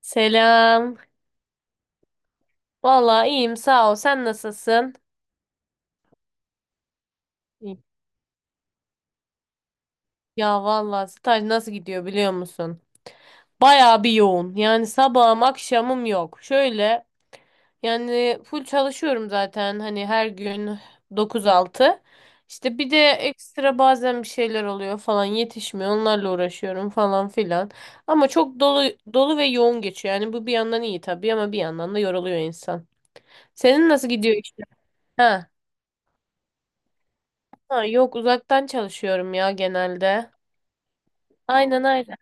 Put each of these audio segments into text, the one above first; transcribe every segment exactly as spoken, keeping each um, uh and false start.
Selam. Valla iyiyim sağ ol. Sen nasılsın? İyi. Ya vallahi staj nasıl gidiyor biliyor musun? Bayağı bir yoğun. Yani sabahım akşamım yok. Şöyle yani full çalışıyorum zaten hani her gün dokuz altı. İşte bir de ekstra bazen bir şeyler oluyor falan yetişmiyor. Onlarla uğraşıyorum falan filan. Ama çok dolu dolu ve yoğun geçiyor. Yani bu bir yandan iyi tabii ama bir yandan da yoruluyor insan. Senin nasıl gidiyor işte? Ha, yok uzaktan çalışıyorum ya genelde. Aynen aynen.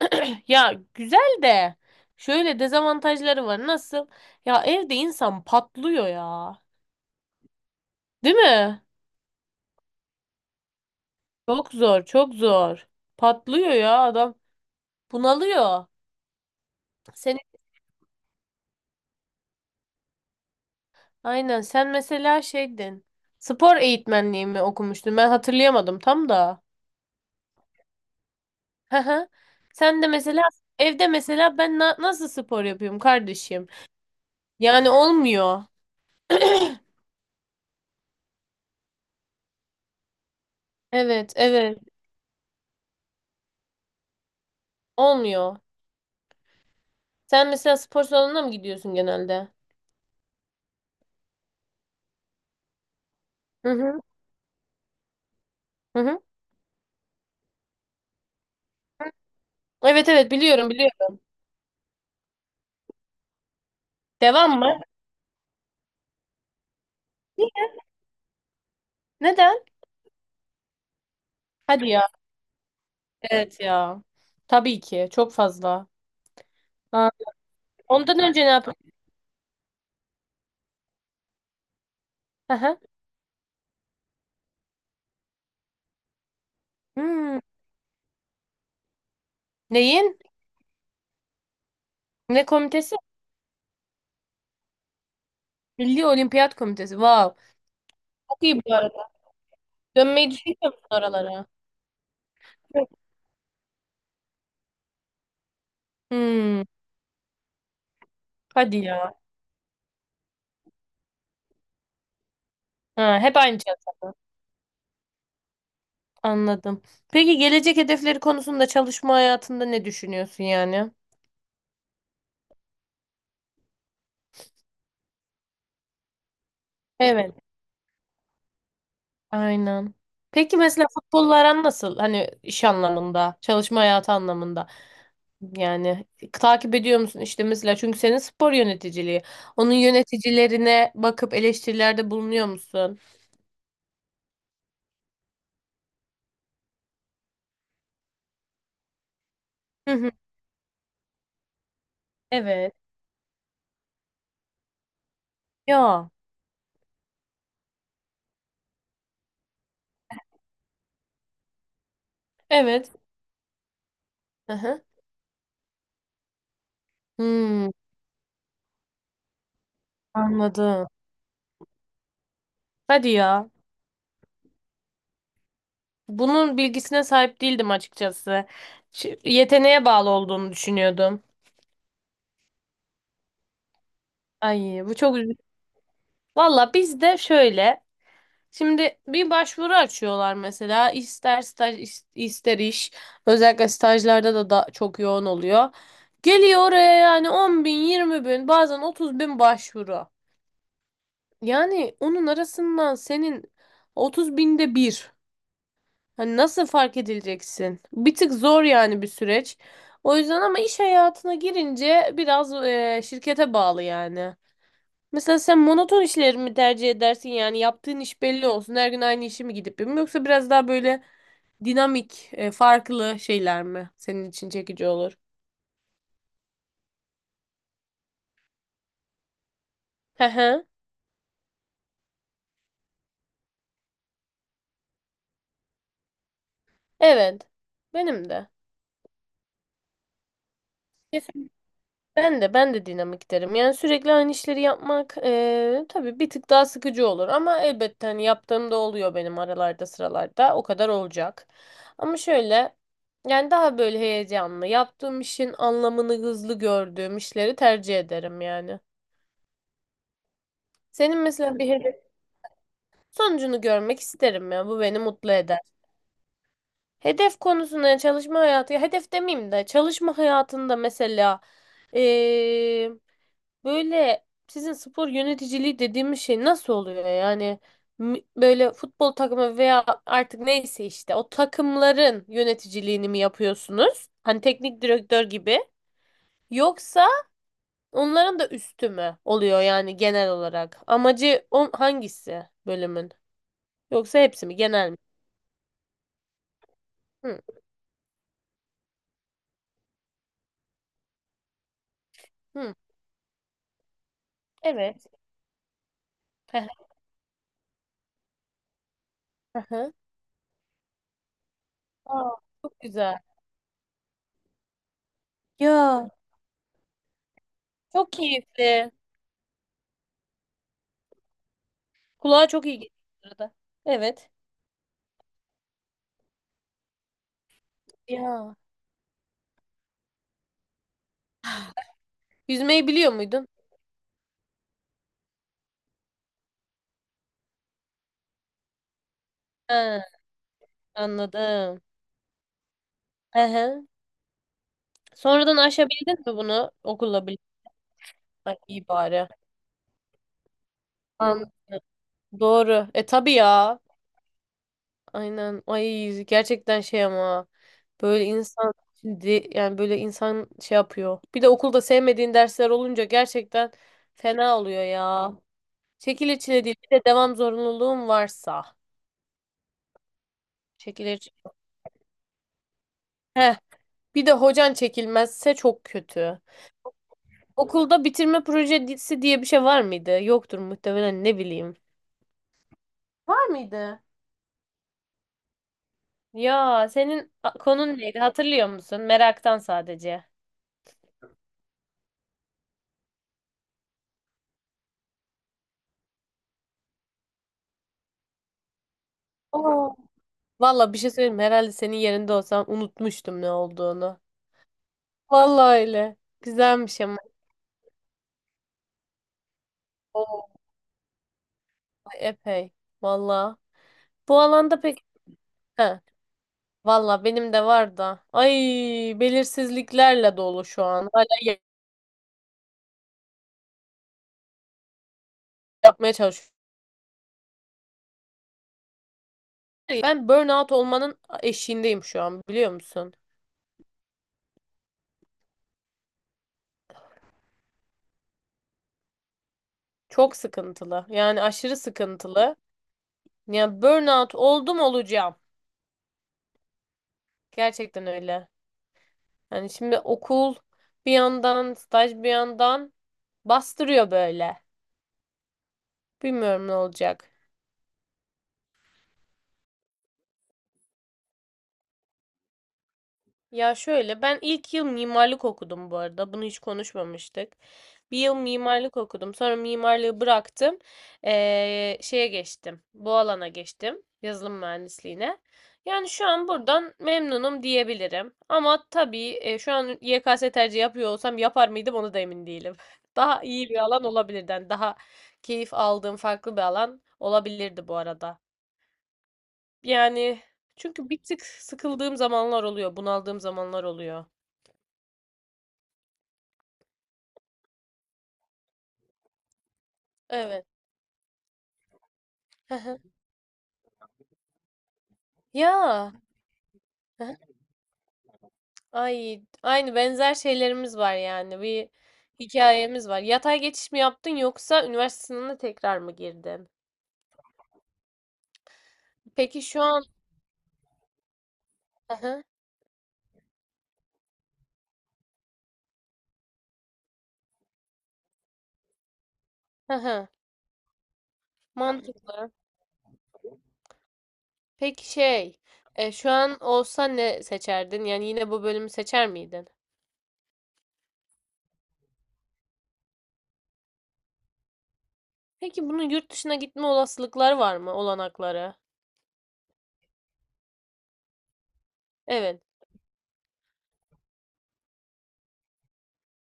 Ya güzel de şöyle dezavantajları var. Nasıl? Ya evde insan patlıyor ya. Değil mi? Çok zor, çok zor. Patlıyor ya adam. Bunalıyor. Seni aynen sen mesela şeydin. Spor eğitmenliği mi okumuştun? Ben hatırlayamadım tam da. Hı hı. Sen de mesela evde mesela ben na- nasıl spor yapıyorum kardeşim? Yani olmuyor. Evet, evet. Olmuyor. Sen mesela spor salonuna mı gidiyorsun genelde? Hı hı. Hı hı. Evet evet biliyorum biliyorum. Devam mı? Neden? Hadi ya. Evet ya. Tabii ki. Çok fazla. Aa, ondan önce ne yapıyorsun? Aha. Hmm. Neyin? Ne komitesi? Milli Olimpiyat Komitesi. Wow. Çok iyi bu arada. Dönmeyi düşünüyor musun oralara? Yok. Hmm. Hadi ya. Ha, hep aynı şey. Anladım. Peki gelecek hedefleri konusunda çalışma hayatında ne düşünüyorsun yani? Evet. Aynen. Peki mesela futbolla aran nasıl? Hani iş anlamında, çalışma hayatı anlamında. Yani takip ediyor musun işte mesela çünkü senin spor yöneticiliği. Onun yöneticilerine bakıp eleştirilerde bulunuyor musun? Hı hı. Evet. Ya. Evet. Hı hı. Hmm, anladım. Hadi ya. Bunun bilgisine sahip değildim açıkçası. Ş- Yeteneğe bağlı olduğunu düşünüyordum. Ay, bu çok üzücü. Valla bizde şöyle, şimdi bir başvuru açıyorlar mesela ister staj is- ister iş, özellikle stajlarda da, da çok yoğun oluyor. Geliyor oraya yani on bin yirmi bin bazen otuz bin başvuru. Yani onun arasından senin otuz binde bir. Hani nasıl fark edileceksin? Bir tık zor yani, bir süreç. O yüzden ama iş hayatına girince biraz e, şirkete bağlı yani. Mesela sen monoton işleri mi tercih edersin, yani yaptığın iş belli olsun her gün aynı işi mi gidip yapayım, yoksa biraz daha böyle dinamik e, farklı şeyler mi senin için çekici olur? Hı hı. Evet. Benim de. Ben de ben de dinamik derim. Yani sürekli aynı işleri yapmak eee tabii bir tık daha sıkıcı olur, ama elbette hani yaptığım da oluyor benim aralarda sıralarda o kadar olacak. Ama şöyle, yani daha böyle heyecanlı, yaptığım işin anlamını hızlı gördüğüm işleri tercih ederim yani. Senin mesela bir hedef sonucunu görmek isterim ya, bu beni mutlu eder. Hedef konusunda çalışma hayatı, ya hedef demeyeyim de, çalışma hayatında mesela eee, böyle sizin spor yöneticiliği dediğimiz şey nasıl oluyor yani? M- böyle futbol takımı veya artık neyse işte o takımların yöneticiliğini mi yapıyorsunuz? Hani teknik direktör gibi, yoksa onların da üstü mü oluyor yani genel olarak? Amacı on hangisi bölümün? Yoksa hepsi mi, genel mi? Hı, hı. Evet. Hı hı. Hı hı. Aa, çok güzel. Ya, çok keyifli. Kulağa çok iyi geliyor bu arada. Evet. Ya. Yüzmeyi biliyor muydun? Ha, anladım. Hı hı. Sonradan aşabildin mi bunu okulla birlikte? Ay, iyi bari. An doğru. E tabii ya. Aynen. Ay gerçekten şey ama böyle insan, şimdi yani böyle insan şey yapıyor. Bir de okulda sevmediğin dersler olunca gerçekten fena oluyor ya. Çekil içine değil. Bir de devam zorunluluğun varsa. Çekilir. Çile. Heh. Bir de hocan çekilmezse çok kötü. Okulda bitirme projesi diye bir şey var mıydı? Yoktur muhtemelen, ne bileyim. Var mıydı? Ya, senin a- konun neydi hatırlıyor musun? Meraktan sadece. Oo. Valla bir şey söyleyeyim mi? Herhalde senin yerinde olsam unutmuştum ne olduğunu. Valla öyle. Güzelmiş ama. Oo, epey. Valla. Bu alanda pek... He. Valla benim de var da. Ay, belirsizliklerle dolu şu an. Hala ya- yapmaya çalışıyorum. Ben burnout olmanın eşiğindeyim şu an, biliyor musun? Çok sıkıntılı. Yani aşırı sıkıntılı. Yani burnout oldum olacağım. Gerçekten öyle. Yani şimdi okul bir yandan, staj bir yandan bastırıyor böyle. Bilmiyorum ne olacak. Ya şöyle, ben ilk yıl mimarlık okudum bu arada. Bunu hiç konuşmamıştık. Bir yıl mimarlık okudum. Sonra mimarlığı bıraktım. Ee, şeye geçtim. Bu alana geçtim. Yazılım mühendisliğine. Yani şu an buradan memnunum diyebilirim. Ama tabii e, şu an Y K S tercih yapıyor olsam yapar mıydım onu da emin değilim. Daha iyi bir alan olabilirdi. Yani daha keyif aldığım farklı bir alan olabilirdi bu arada. Yani çünkü bir tık sıkıldığım zamanlar oluyor, bunaldığım zamanlar oluyor. Evet. Hı hı. Ya. Hı hı. Ay, aynı benzer şeylerimiz var yani. Bir hikayemiz var. Yatay geçiş mi yaptın yoksa üniversite sınavına tekrar mı girdin? Peki şu an. Hı hı. Hı hı. Mantıklı. Peki şey, e, şu an olsa ne seçerdin? Yani yine bu bölümü seçer miydin? Peki bunun yurt dışına gitme olasılıkları var mı? Olanakları? Evet.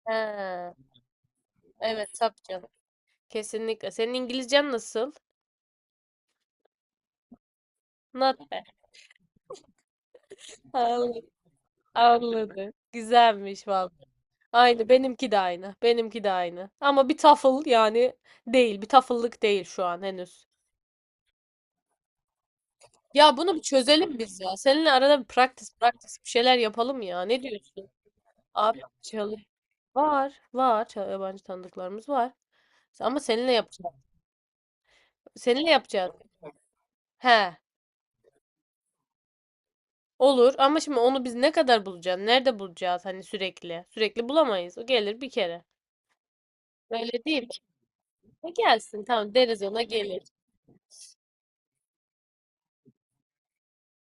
He, evet tabii canım. Kesinlikle. Senin İngilizcen nasıl? Not bad. Anladım. Güzelmiş vallahi. Aynı benimki de aynı. Benimki de aynı. Ama bir tafıl yani değil. Bir tafıllık değil şu an henüz. Ya bunu bir çözelim biz ya. Seninle arada bir practice practice bir şeyler yapalım ya. Ne diyorsun? Abi çalı var var Çal- yabancı tanıdıklarımız var. Ama seninle yapacağız. Seninle yapacağız. He. Olur, ama şimdi onu biz ne kadar bulacağız? Nerede bulacağız hani sürekli? Sürekli bulamayız. O gelir bir kere. Öyle değil mi? E gelsin, tamam deriz, ona gelir.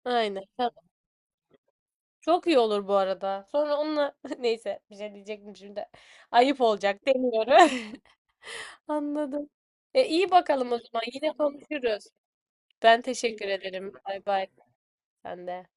Aynen. Çok iyi olur bu arada. Sonra onunla neyse, bir şey diyecektim şimdi. Ayıp olacak demiyorum. Anladım. E iyi bakalım o zaman. Yine konuşuruz. Ben teşekkür ederim. Bay bay. Sen de.